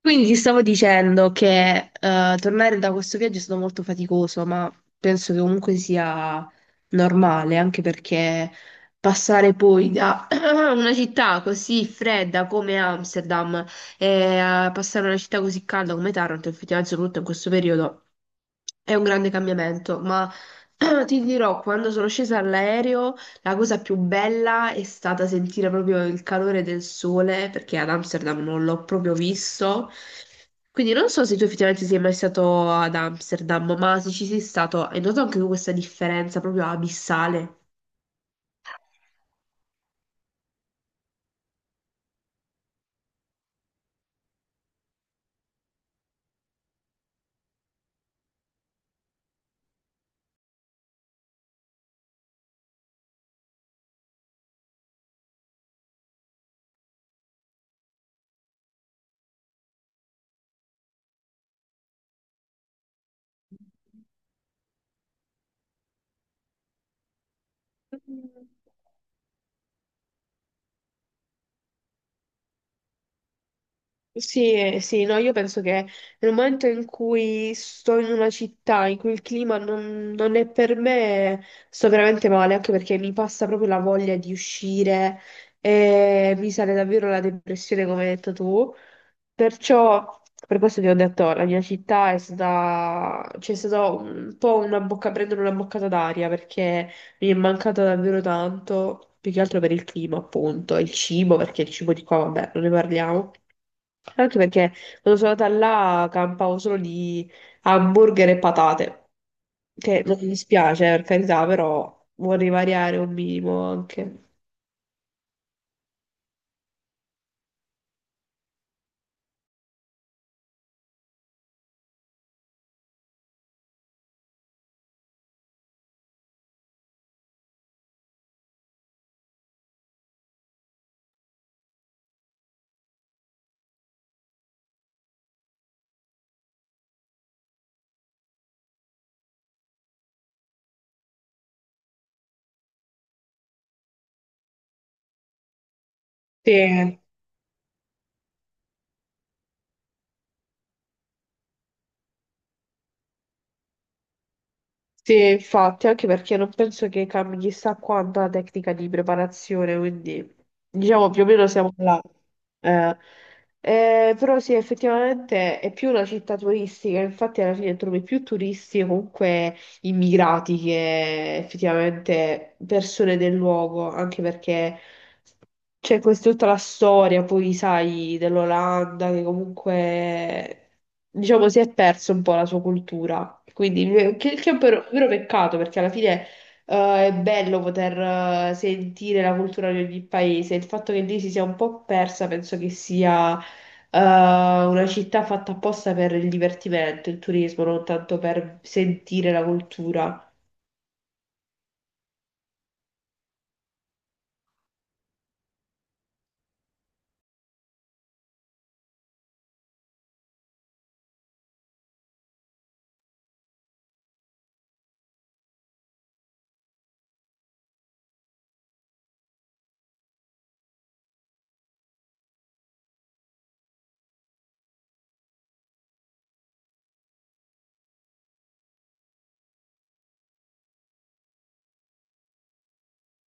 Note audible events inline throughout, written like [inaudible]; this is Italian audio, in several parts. Quindi ti stavo dicendo che tornare da questo viaggio è stato molto faticoso, ma penso che comunque sia normale, anche perché passare poi da [clears throat] una città così fredda come Amsterdam e a passare a una città così calda come Taranto, effettivamente, soprattutto in questo periodo. È un grande cambiamento, ma [clears throat] ti dirò, quando sono scesa all'aereo, la cosa più bella è stata sentire proprio il calore del sole, perché ad Amsterdam non l'ho proprio visto. Quindi non so se tu effettivamente sei mai stato ad Amsterdam, ma se ci sei stato, hai notato anche tu questa differenza proprio abissale? Sì, sì, no, io penso che nel momento in cui sto in una città in cui il clima non è per me, sto veramente male, anche perché mi passa proprio la voglia di uscire e mi sale davvero la depressione, come hai detto tu. Perciò, per questo ti ho detto, la mia città c'è stata un po' prendere una boccata d'aria perché mi è mancata davvero tanto, più che altro per il clima, appunto, e il cibo, perché il cibo di qua, vabbè, non ne parliamo. Anche perché quando sono andata là campavo solo di hamburger e patate, che non mi dispiace per carità, però vorrei variare un minimo anche. Sì. Sì, infatti, anche perché non penso che cambi chissà quanto la tecnica di preparazione, quindi diciamo più o meno siamo là. Eh, però sì, effettivamente è più una città turistica, infatti alla fine trovi più turisti o comunque immigrati che effettivamente persone del luogo, anche perché c'è questa tutta la storia, poi sai, dell'Olanda che comunque, diciamo, si è perso un po' la sua cultura. Quindi, che è un vero peccato perché alla fine è bello poter sentire la cultura di ogni paese. Il fatto che lì si sia un po' persa, penso che sia una città fatta apposta per il divertimento, il turismo, non tanto per sentire la cultura.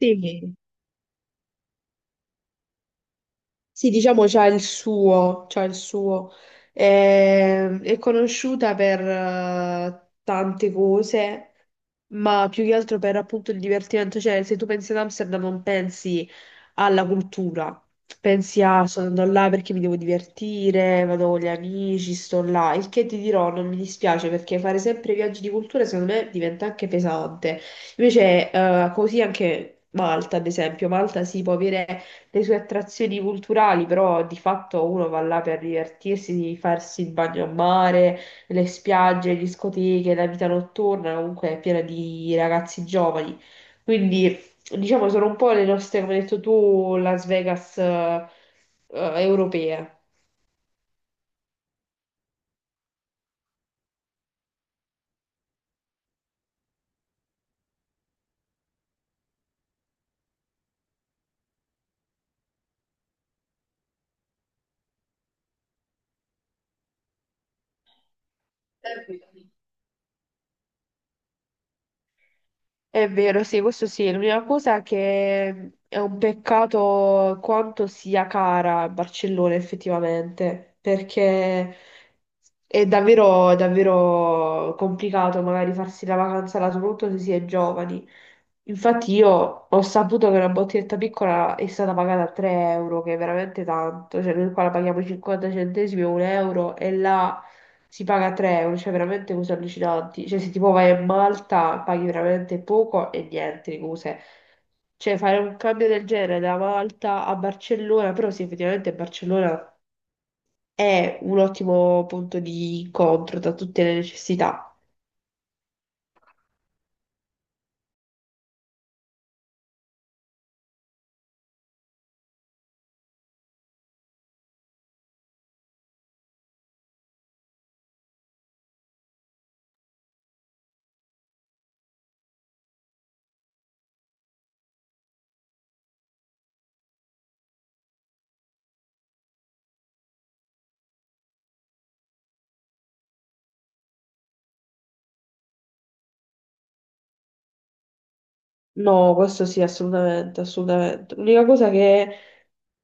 Sì, sì, diciamo c'ha il suo, c'ha il suo. È conosciuta per tante cose, ma più che altro per appunto il divertimento. Cioè, se tu pensi ad Amsterdam non pensi alla cultura, pensi a sono andato là perché mi devo divertire, vado con gli amici, sto là. Il che ti dirò, non mi dispiace perché fare sempre viaggi di cultura secondo me diventa anche pesante. Invece, così anche Malta, ad esempio, Malta si può avere le sue attrazioni culturali, però di fatto uno va là per divertirsi, di farsi il bagno a mare, le spiagge, le discoteche, la vita notturna, comunque è piena di ragazzi giovani. Quindi, diciamo, sono un po' le nostre, come hai detto tu, Las Vegas, europee. È vero, sì, questo sì. L'unica cosa è che è un peccato quanto sia cara Barcellona effettivamente, perché è davvero complicato magari farsi la vacanza là, soprattutto se si è giovani. Infatti io ho saputo che una bottiglietta piccola è stata pagata a 3 euro, che è veramente tanto, cioè noi qua la paghiamo 50 centesimi o un euro e là si paga 3 euro, cioè veramente cose allucinanti. Cioè, se tipo vai a Malta, paghi veramente poco e niente di cose. Cioè, fare un cambio del genere da Malta a Barcellona, però sì, effettivamente Barcellona è un ottimo punto di incontro da tutte le necessità. No, questo sì, assolutamente, assolutamente. L'unica cosa che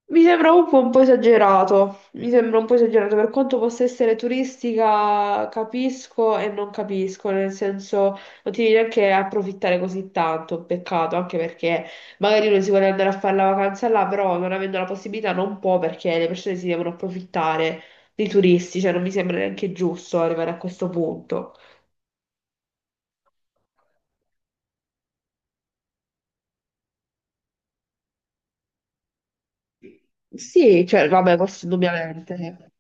mi sembra un po' esagerato, per quanto possa essere turistica, capisco e non capisco, nel senso non ti devi neanche approfittare così tanto, peccato, anche perché magari uno si vuole andare a fare la vacanza là, però non avendo la possibilità non può perché le persone si devono approfittare dei turisti, cioè non mi sembra neanche giusto arrivare a questo punto. Sì, cioè, vabbè, questo indubbiamente.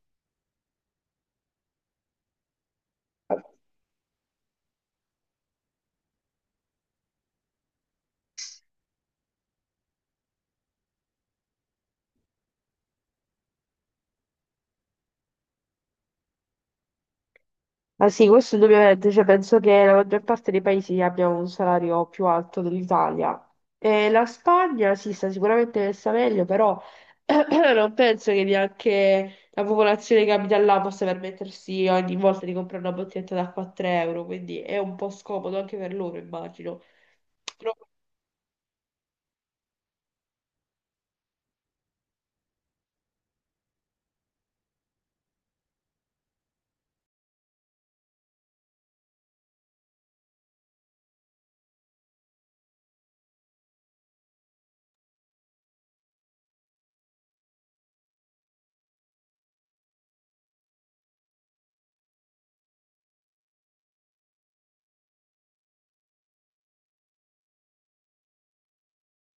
Ma sì, questo indubbiamente, cioè, penso che la maggior parte dei paesi abbia un salario più alto dell'Italia. E la Spagna sì, sta sicuramente messa meglio, però [clears throat] non penso che neanche la popolazione che abita là possa permettersi ogni volta di comprare una bottiglietta d'acqua a 3 euro, quindi è un po' scomodo anche per loro, immagino. Però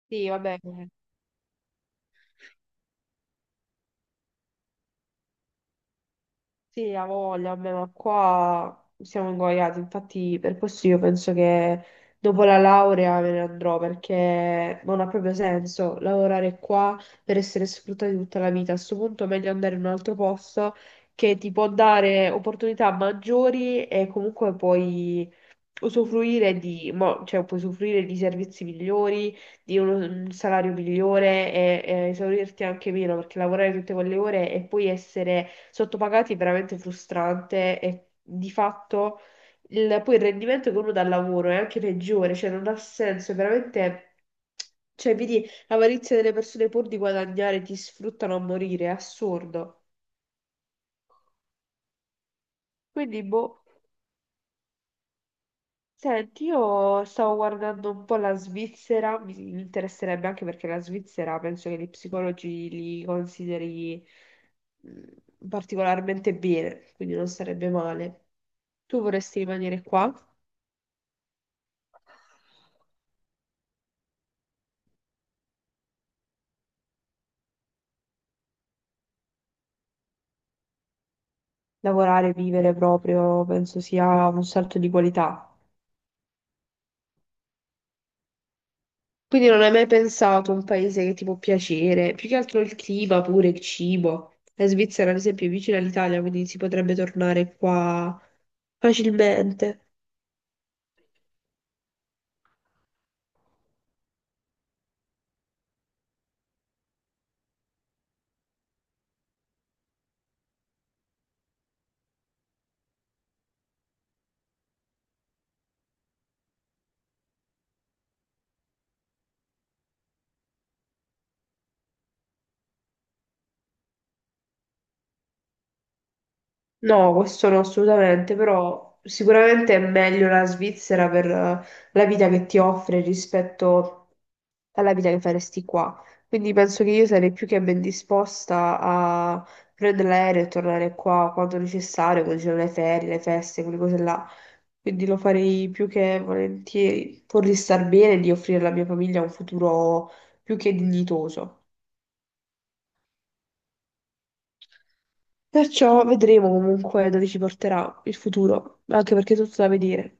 sì, vabbè. Sì, ha voglia, vabbè, ma qua siamo ingoiati, infatti per questo io penso che dopo la laurea me ne andrò perché non ha proprio senso lavorare qua per essere sfruttati tutta la vita. A questo punto è meglio andare in un altro posto che ti può dare opportunità maggiori e comunque puoi usufruire di, cioè, puoi usufruire di servizi migliori di un salario migliore e esaurirti anche meno, perché lavorare tutte quelle ore e poi essere sottopagati è veramente frustrante e di fatto poi il rendimento che uno dà al lavoro è anche peggiore, cioè non ha senso, è veramente. Cioè, vedi l'avarizia delle persone pur di guadagnare ti sfruttano a morire, è assurdo. Quindi, boh. Senti, io stavo guardando un po' la Svizzera, mi interesserebbe anche perché la Svizzera penso che gli psicologi li consideri particolarmente bene, quindi non sarebbe male. Tu vorresti rimanere qua? Lavorare, vivere proprio, penso sia un salto di qualità. Quindi non hai mai pensato a un paese che ti può piacere, più che altro il clima pure, il cibo. La Svizzera, ad esempio, è vicina all'Italia, quindi si potrebbe tornare qua facilmente. No, questo no, assolutamente, però sicuramente è meglio la Svizzera per la vita che ti offre rispetto alla vita che faresti qua. Quindi penso che io sarei più che ben disposta a prendere l'aereo e tornare qua quando necessario, quando ci sono le ferie, le feste, quelle cose là. Quindi lo farei più che volentieri, pur di star bene e di offrire alla mia famiglia un futuro più che dignitoso. Perciò vedremo comunque dove ci porterà il futuro, anche perché è tutto da vedere.